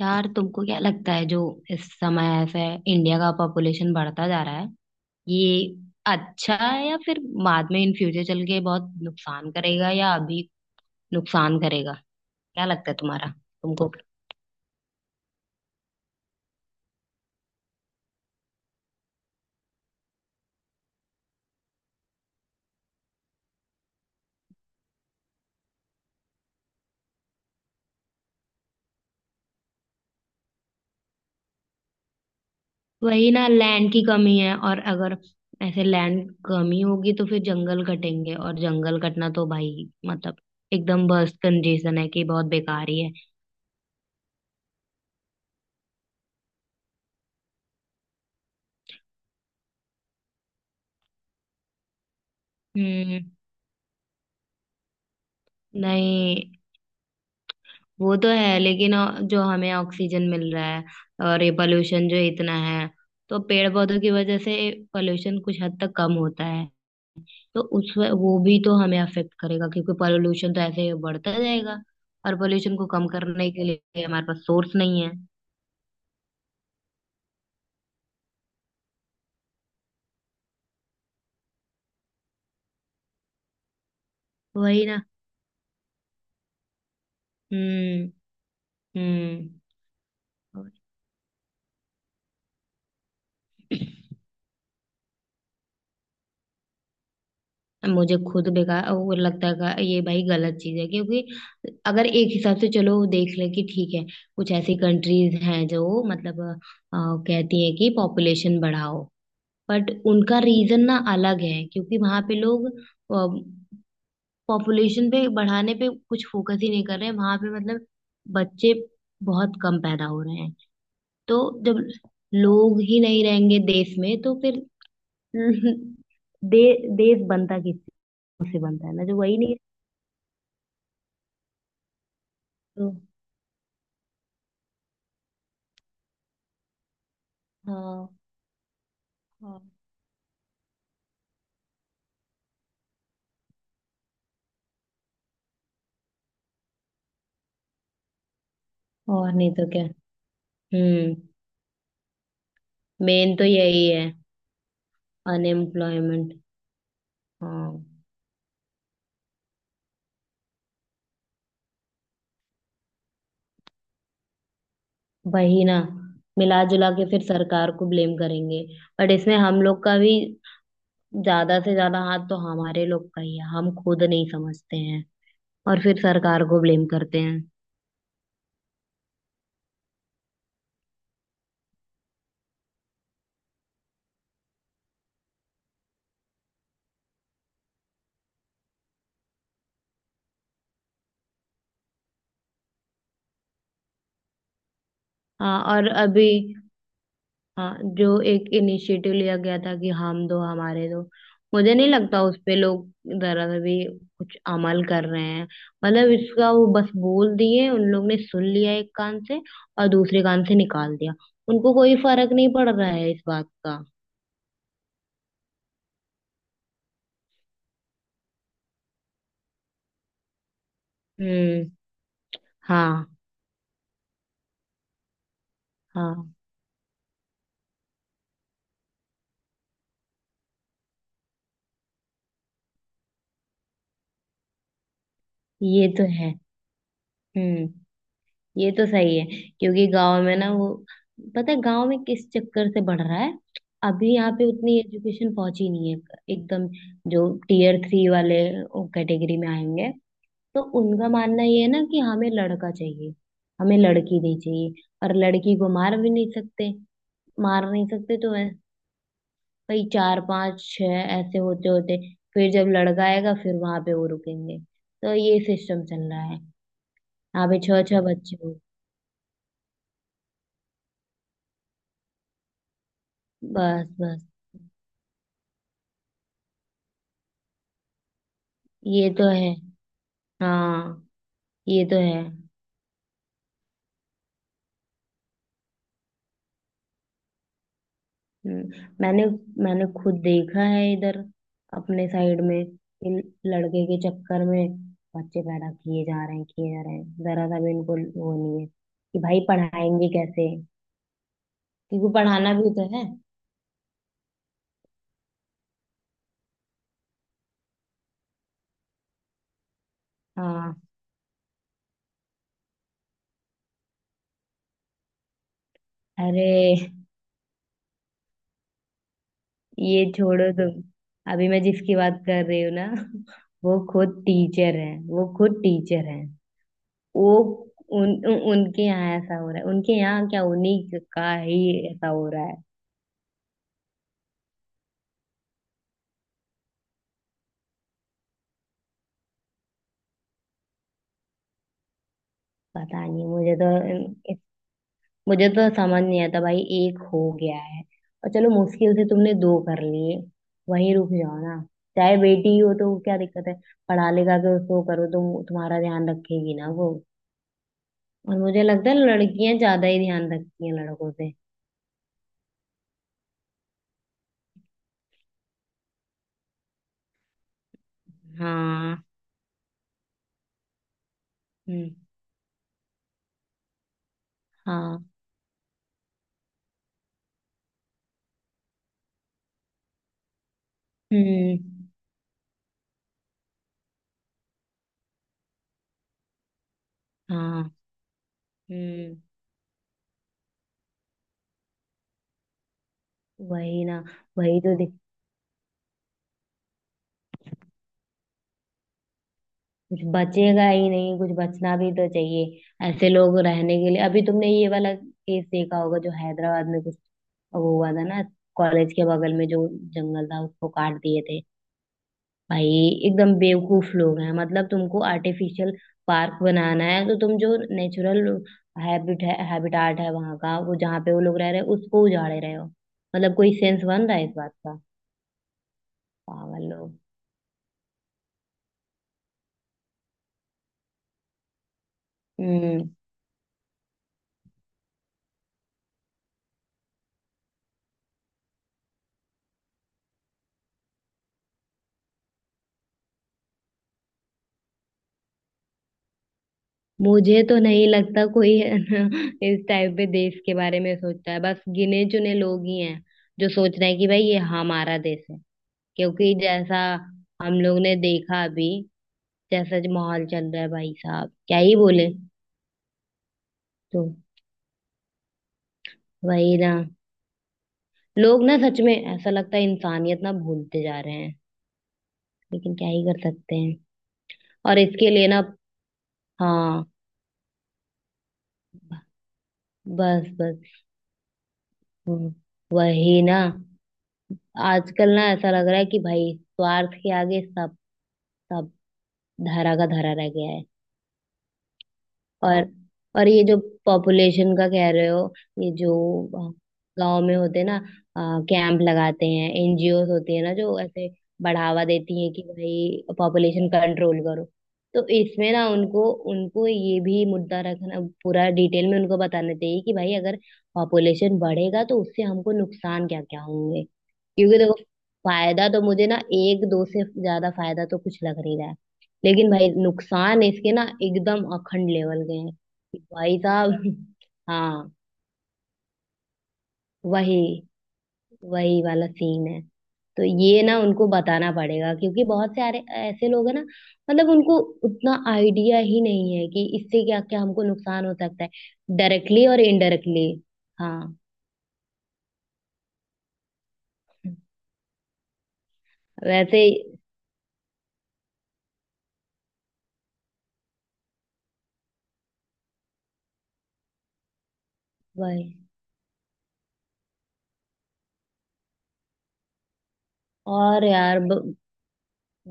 यार, तुमको क्या लगता है जो इस समय ऐसे इंडिया का पॉपुलेशन बढ़ता जा रहा है, ये अच्छा है या फिर बाद में इन फ्यूचर चल के बहुत नुकसान करेगा या अभी नुकसान करेगा? क्या लगता है तुम्हारा, तुमको? वही ना। लैंड की कमी है, और अगर ऐसे लैंड कमी होगी तो फिर जंगल कटेंगे और जंगल कटना तो भाई मतलब एकदम बस कंजेशन है कि बहुत बेकार ही है। हम्म। नहीं। वो तो है लेकिन जो हमें ऑक्सीजन मिल रहा है और ये पोल्यूशन जो इतना है, तो पेड़ पौधों की वजह से पोल्यूशन कुछ हद तक कम होता है। तो उस वो भी तो हमें अफेक्ट करेगा, क्योंकि पोल्यूशन तो ऐसे ही बढ़ता जाएगा, और पोल्यूशन को कम करने के लिए हमारे पास सोर्स नहीं है। वही ना। हम्म। हम्म। मुझे खुद बेकार वो लगता है, ये भाई गलत चीज है, क्योंकि अगर एक हिसाब से चलो वो देख ले कि ठीक है, कुछ ऐसी कंट्रीज हैं जो मतलब अ, कहती हैं कि पॉपुलेशन बढ़ाओ, बट उनका रीजन ना अलग है, क्योंकि वहां पे लोग पॉपुलेशन पे बढ़ाने पे कुछ फोकस ही नहीं कर रहे हैं, वहां पे मतलब बच्चे बहुत कम पैदा हो रहे हैं। तो जब लोग ही नहीं रहेंगे देश में तो फिर दे, देश बनता किससे? बनता है ना जो, वही नहीं? तो हाँ, हाँ। और नहीं तो क्या। हम्म। मेन तो यही है। अनएम्प्लॉयमेंट। हाँ। वही ना। मिला जुला के फिर सरकार को ब्लेम करेंगे, बट इसमें हम लोग का भी ज्यादा से ज्यादा हाथ तो हमारे लोग का ही है। हम खुद नहीं समझते हैं और फिर सरकार को ब्लेम करते हैं। हाँ, और अभी, हाँ, जो एक इनिशिएटिव लिया गया था कि हम दो हमारे दो, मुझे नहीं लगता उस पे लोग जरा सा भी कुछ अमल कर रहे हैं। मतलब इसका वो बस बोल दिए, उन लोग ने सुन लिया एक कान से और दूसरे कान से निकाल दिया। उनको कोई फर्क नहीं पड़ रहा है इस बात का। हम्म। हाँ, हाँ। ये तो है। हम्म। ये तो सही है, क्योंकि गांव में ना वो, पता है गांव में किस चक्कर से बढ़ रहा है? अभी यहाँ पे उतनी एजुकेशन पहुंची नहीं है एकदम। जो टीयर थ्री वाले कैटेगरी में आएंगे, तो उनका मानना ये है ना कि हमें लड़का चाहिए, हमें लड़की नहीं चाहिए, और लड़की को मार भी नहीं सकते। मार नहीं सकते तो भाई चार पांच छह ऐसे होते होते, फिर जब लड़का आएगा फिर वहां पे वो रुकेंगे। तो ये सिस्टम चल रहा है। यहाँ पे छह छह बच्चे हो। बस, बस। ये तो है। हाँ, ये तो है। हम्म, मैंने मैंने खुद देखा है इधर, अपने साइड में, इन लड़के के चक्कर में बच्चे पैदा किए जा रहे हैं, किए जा रहे हैं। जरा सा भी इनको वो नहीं है कि भाई पढ़ाएंगे कैसे, क्योंकि पढ़ाना भी तो है। हाँ। अरे, ये छोड़ो तुम। अभी मैं जिसकी बात कर रही हूँ ना वो खुद टीचर है, वो खुद टीचर है। वो उन, उन उनके यहाँ ऐसा हो रहा है। उनके यहाँ क्या, उन्हीं का ही ऐसा हो रहा है। पता नहीं। मुझे तो समझ नहीं आता भाई, एक हो गया है और चलो मुश्किल से तुमने दो कर लिए, वहीं रुक जाओ ना। चाहे बेटी ही हो, तो क्या दिक्कत है? पढ़ा लिखा के उसको करो तो तुम्हारा ध्यान रखेगी ना वो। और मुझे लगता है लड़कियां ज्यादा ही ध्यान रखती हैं लड़कों से। हाँ। हम्म। हाँ। हम्म। हाँ। हम्म। वही ना। वही तो। कुछ बचेगा ही नहीं, कुछ बचना भी तो चाहिए ऐसे लोग रहने के लिए। अभी तुमने ये वाला केस देखा होगा जो हैदराबाद में, कुछ वो हुआ था ना, कॉलेज के बगल में जो जंगल था उसको काट दिए थे। भाई एकदम बेवकूफ लोग हैं। मतलब तुमको आर्टिफिशियल पार्क बनाना है तो तुम जो नेचुरल हैबिटाट है वहां का, वो जहाँ पे वो लोग रह रहे हैं उसको उजाड़े रहे हो। मतलब कोई सेंस बन रहा है इस बात का? पागल लोग। हम्म। मुझे तो नहीं लगता कोई है ना, इस टाइप पे देश के बारे में सोचता है, बस गिने चुने लोग ही हैं जो सोच रहे हैं कि भाई ये हमारा देश है। क्योंकि जैसा हम लोग ने देखा अभी, जैसा जो माहौल चल रहा है भाई साहब, क्या ही बोले। तो वही ना। लोग ना सच में ऐसा लगता है इंसानियत ना भूलते जा रहे हैं। लेकिन क्या ही कर सकते हैं। और इसके लिए ना, हाँ। बस, बस। हम्म, वही ना। आजकल ना ऐसा लग रहा है कि भाई स्वार्थ के आगे सब, सब धरा का धरा रह गया है। और। और ये जो पॉपुलेशन का कह रहे हो, ये जो गांव में होते हैं ना, कैंप लगाते हैं, एनजीओ होती है ना जो ऐसे बढ़ावा देती है कि भाई पॉपुलेशन कंट्रोल करो, तो इसमें ना उनको, उनको ये भी मुद्दा रखना, पूरा डिटेल में उनको बताना चाहिए कि भाई अगर पॉपुलेशन बढ़ेगा तो उससे हमको नुकसान क्या क्या होंगे, क्योंकि देखो, फायदा तो मुझे ना एक दो से ज्यादा फायदा तो कुछ लग नहीं रहा है, लेकिन भाई नुकसान इसके ना एकदम अखंड लेवल के हैं कि भाई साहब। हाँ। वही। वही वाला सीन है। तो ये ना उनको बताना पड़ेगा, क्योंकि बहुत सारे ऐसे लोग हैं ना, मतलब उनको उतना आइडिया ही नहीं है कि इससे क्या क्या हमको नुकसान हो सकता है, डायरेक्टली और इनडायरेक्टली। हाँ। वैसे वही। और यार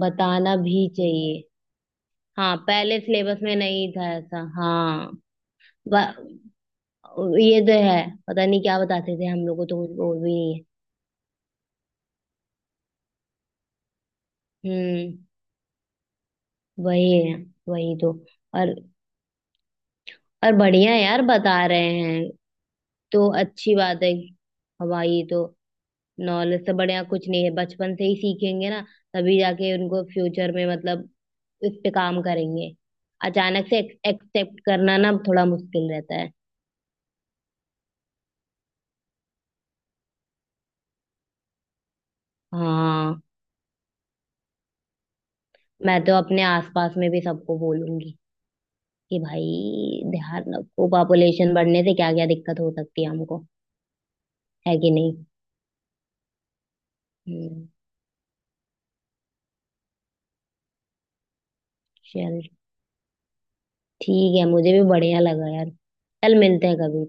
बताना भी चाहिए। हाँ, पहले सिलेबस में नहीं था ऐसा, हाँ। ये तो है। पता नहीं क्या बताते थे हम लोग को तो कुछ, वो भी नहीं है। हम्म। वही है। वही तो। और और बढ़िया है यार बता रहे हैं तो अच्छी बात है। हमारी तो नॉलेज से बढ़िया कुछ नहीं है। बचपन से ही सीखेंगे ना, तभी जाके उनको फ्यूचर में मतलब इस पे काम करेंगे। अचानक से एक्सेप्ट करना ना थोड़ा मुश्किल रहता है। हाँ। मैं तो अपने आसपास में भी सबको बोलूंगी कि भाई ध्यान रखो, पॉपुलेशन बढ़ने से क्या क्या दिक्कत हो सकती है हमको, है कि नहीं? हम्म। चल ठीक है, मुझे भी बढ़िया लगा यार। चल मिलते हैं कभी।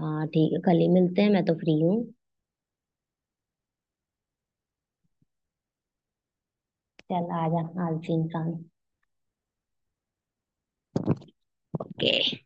हाँ ठीक है, कल ही मिलते हैं, मैं तो फ्री हूँ। चल आजा आलसी इंसान। ओके।